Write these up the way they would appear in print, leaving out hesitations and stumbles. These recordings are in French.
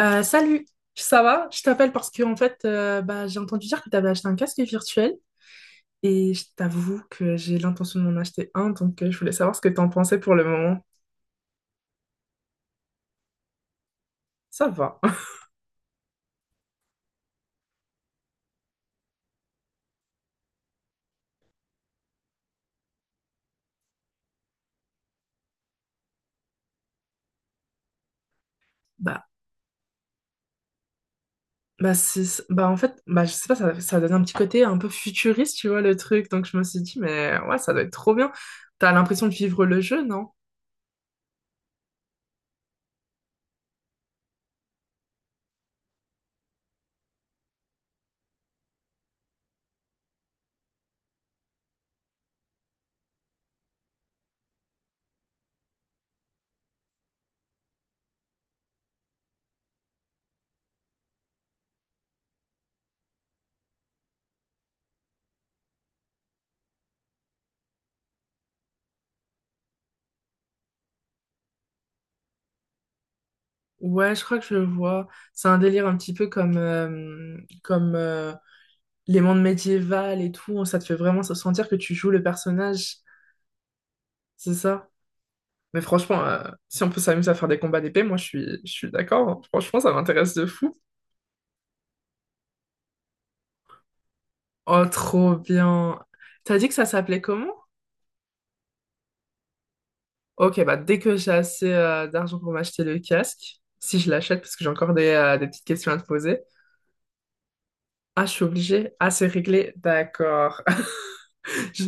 Salut, ça va? Je t'appelle parce que en fait, bah, j'ai entendu dire que tu avais acheté un casque virtuel et je t'avoue que j'ai l'intention d'en acheter un, donc je voulais savoir ce que tu en pensais pour le moment. Ça va. Bah, bah, c'est, je sais pas, ça donne un petit côté un peu futuriste, tu vois, le truc, donc je me suis dit, mais ouais, ça doit être trop bien. T'as l'impression de vivre le jeu, non? Ouais, je crois que je le vois. C'est un délire un petit peu comme, euh, les mondes médiévaux et tout, ça te fait vraiment sentir que tu joues le personnage. C'est ça. Mais franchement, si on peut s'amuser à faire des combats d'épée, moi je suis d'accord, hein. Franchement, ça m'intéresse de fou. Oh, trop bien. T'as dit que ça s'appelait comment? Ok, bah dès que j'ai assez d'argent pour m'acheter le casque, si je l'achète, parce que j'ai encore des petites questions à te poser. Ah, je suis obligée. Ah, c'est réglé. D'accord. Je-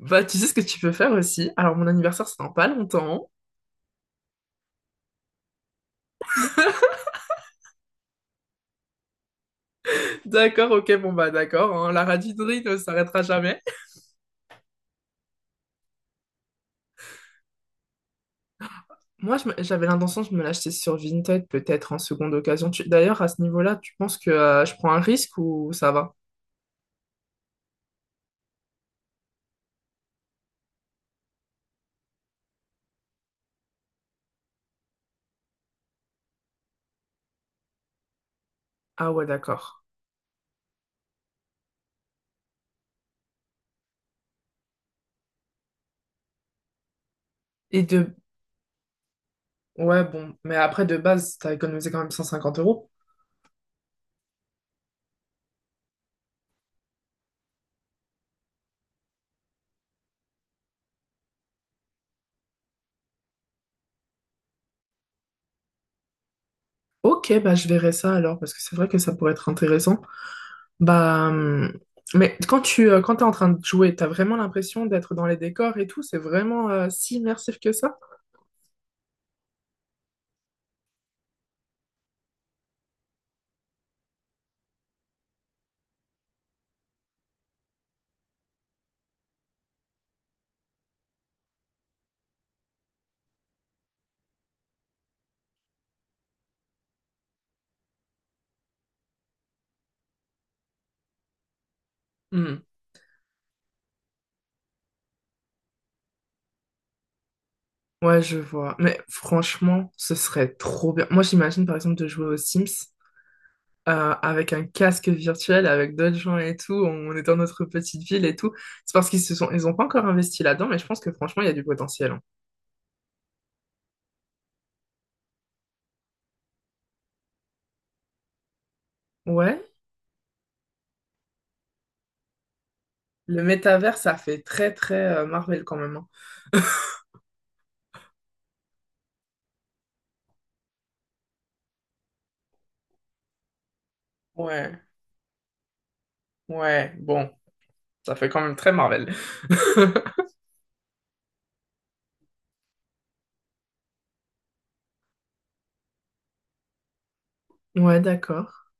Bah, tu sais ce que tu peux faire aussi. Alors, mon anniversaire, c'est dans pas longtemps. D'accord, ok, bon, bah, d'accord, hein. La radinerie ne s'arrêtera jamais. Moi, j'avais l'intention de me l'acheter sur Vinted, peut-être en seconde occasion. D'ailleurs, à ce niveau-là, tu penses que je prends un risque ou ça va? Ah ouais, d'accord. Et de... Ouais, bon. Mais après, de base, t'as économisé quand même 150 euros. Ok, bah je verrai ça alors, parce que c'est vrai que ça pourrait être intéressant. Bah... hum, Mais quand tu quand t'es en train de jouer, t'as vraiment l'impression d'être dans les décors et tout, c'est vraiment si immersif que ça? Hmm. Ouais, je vois. Mais franchement, ce serait trop bien. Moi, j'imagine par exemple de jouer aux Sims euh, avec un casque virtuel, avec d'autres gens et tout. On est dans notre petite ville et tout. C'est parce qu'ils se sont, ils ont pas encore investi là-dedans, mais je pense que franchement, il y a du potentiel, hein. Ouais, le métavers, ça fait très très Marvel quand même, hein. Ouais, ouais. Bon. Ça fait quand même très Marvel. Ouais, d'accord.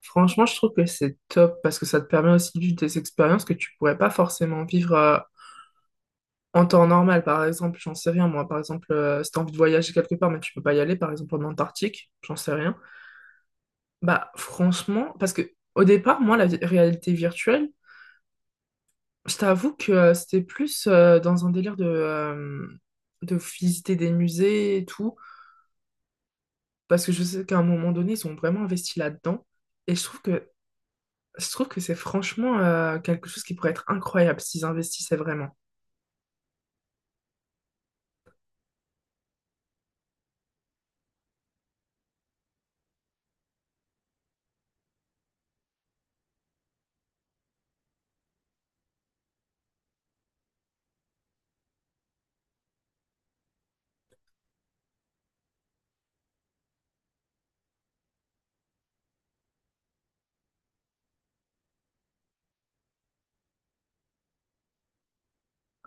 Franchement, je trouve que c'est top parce que ça te permet aussi de vivre des expériences que tu pourrais pas forcément vivre en temps normal. Par exemple, j'en sais rien, moi, par exemple, si t'as envie de voyager quelque part, mais tu peux pas y aller, par exemple, en Antarctique, j'en sais rien. Bah, franchement, parce que au départ, moi, réalité virtuelle, je t'avoue que c'était plus dans un délire de visiter des musées et tout, parce que je sais qu'à un moment donné, ils ont vraiment investi là-dedans. Et je trouve que je trouve que c'est franchement quelque chose qui pourrait être incroyable s'ils investissaient vraiment.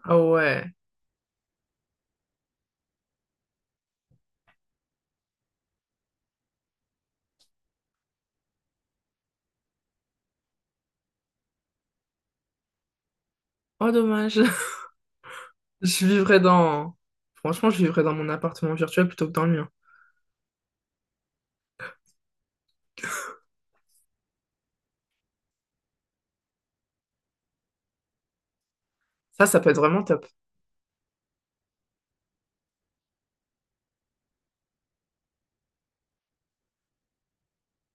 Ah ouais. Oh dommage. Je vivrais dans... Franchement, je vivrais dans mon appartement virtuel plutôt que dans le mien. Ça peut être vraiment top.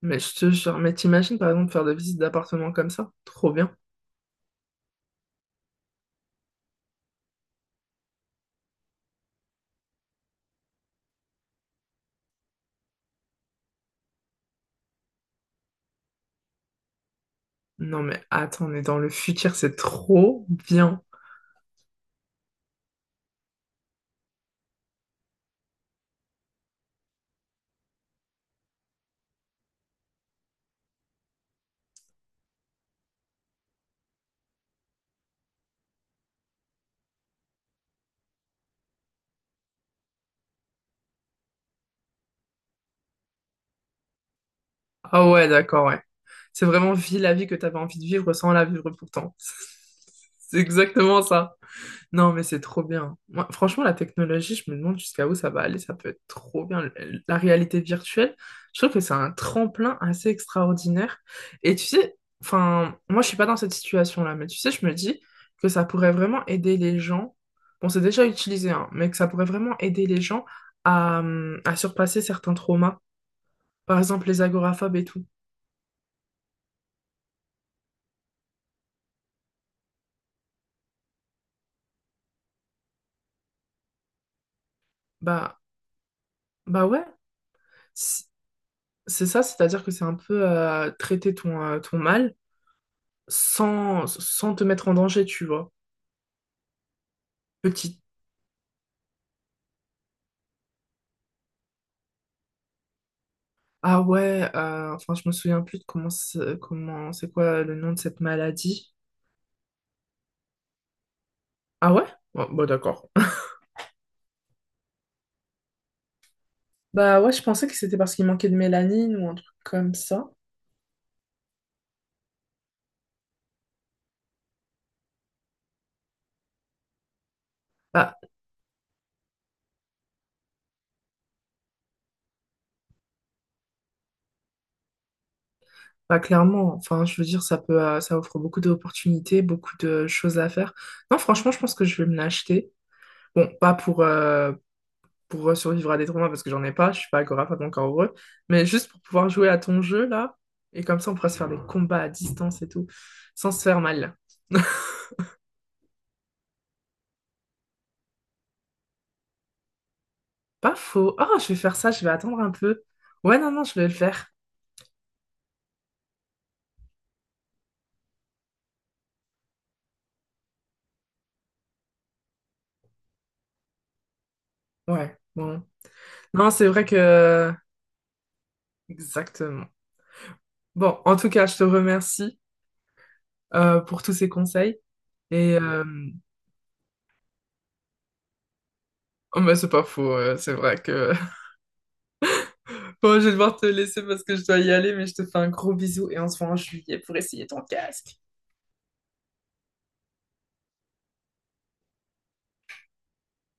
Mais je te jure, mais t'imagines par exemple faire des visites d'appartements comme ça? Trop bien. Non mais attends, on est dans le futur, c'est trop bien. Ah ouais, d'accord, ouais. C'est vraiment vie la vie que t'avais envie de vivre sans la vivre pourtant. C'est exactement ça. Non, mais c'est trop bien. Moi, franchement, la technologie, je me demande jusqu'à où ça va aller. Ça peut être trop bien. La réalité virtuelle, je trouve que c'est un tremplin assez extraordinaire. Et tu sais, enfin, moi, je suis pas dans cette situation-là, mais tu sais, je me dis que ça pourrait vraiment aider les gens. Bon, c'est déjà utilisé, hein, mais que ça pourrait vraiment aider les gens à surpasser certains traumas. Par exemple, les agoraphobes et tout. Bah, bah ouais, c'est c'est ça, c'est-à-dire que c'est un peu traiter ton mal sans te mettre en danger, tu vois. Petite. Ah ouais, enfin, je me souviens plus de comment c'est quoi le nom de cette maladie. Ah ouais? Bon, bon, d'accord. Bah ouais, je pensais que c'était parce qu'il manquait de mélanine ou un truc comme ça. Bah, bah clairement, enfin, je veux dire, ça offre beaucoup d'opportunités, beaucoup de choses à faire. Non, franchement, je pense que je vais me l'acheter. Bon, pas pour survivre à des tournois parce que j'en ai pas, je suis pas agoraphobe encore heureux, mais juste pour pouvoir jouer à ton jeu là, et comme ça on pourra se faire des combats à distance et tout, sans se faire mal. Pas faux. Ah, je vais faire ça, je vais attendre un peu. Ouais, non, non, je vais le faire. Ouais, bon. Non, c'est vrai que... Exactement. Bon, en tout cas, je te remercie pour tous ces conseils. Et euh... oh, bah, c'est pas faux, c'est vrai que... Bon, je vais devoir te laisser parce que je dois y aller, mais je te fais un gros bisou et on se voit en juillet pour essayer ton casque.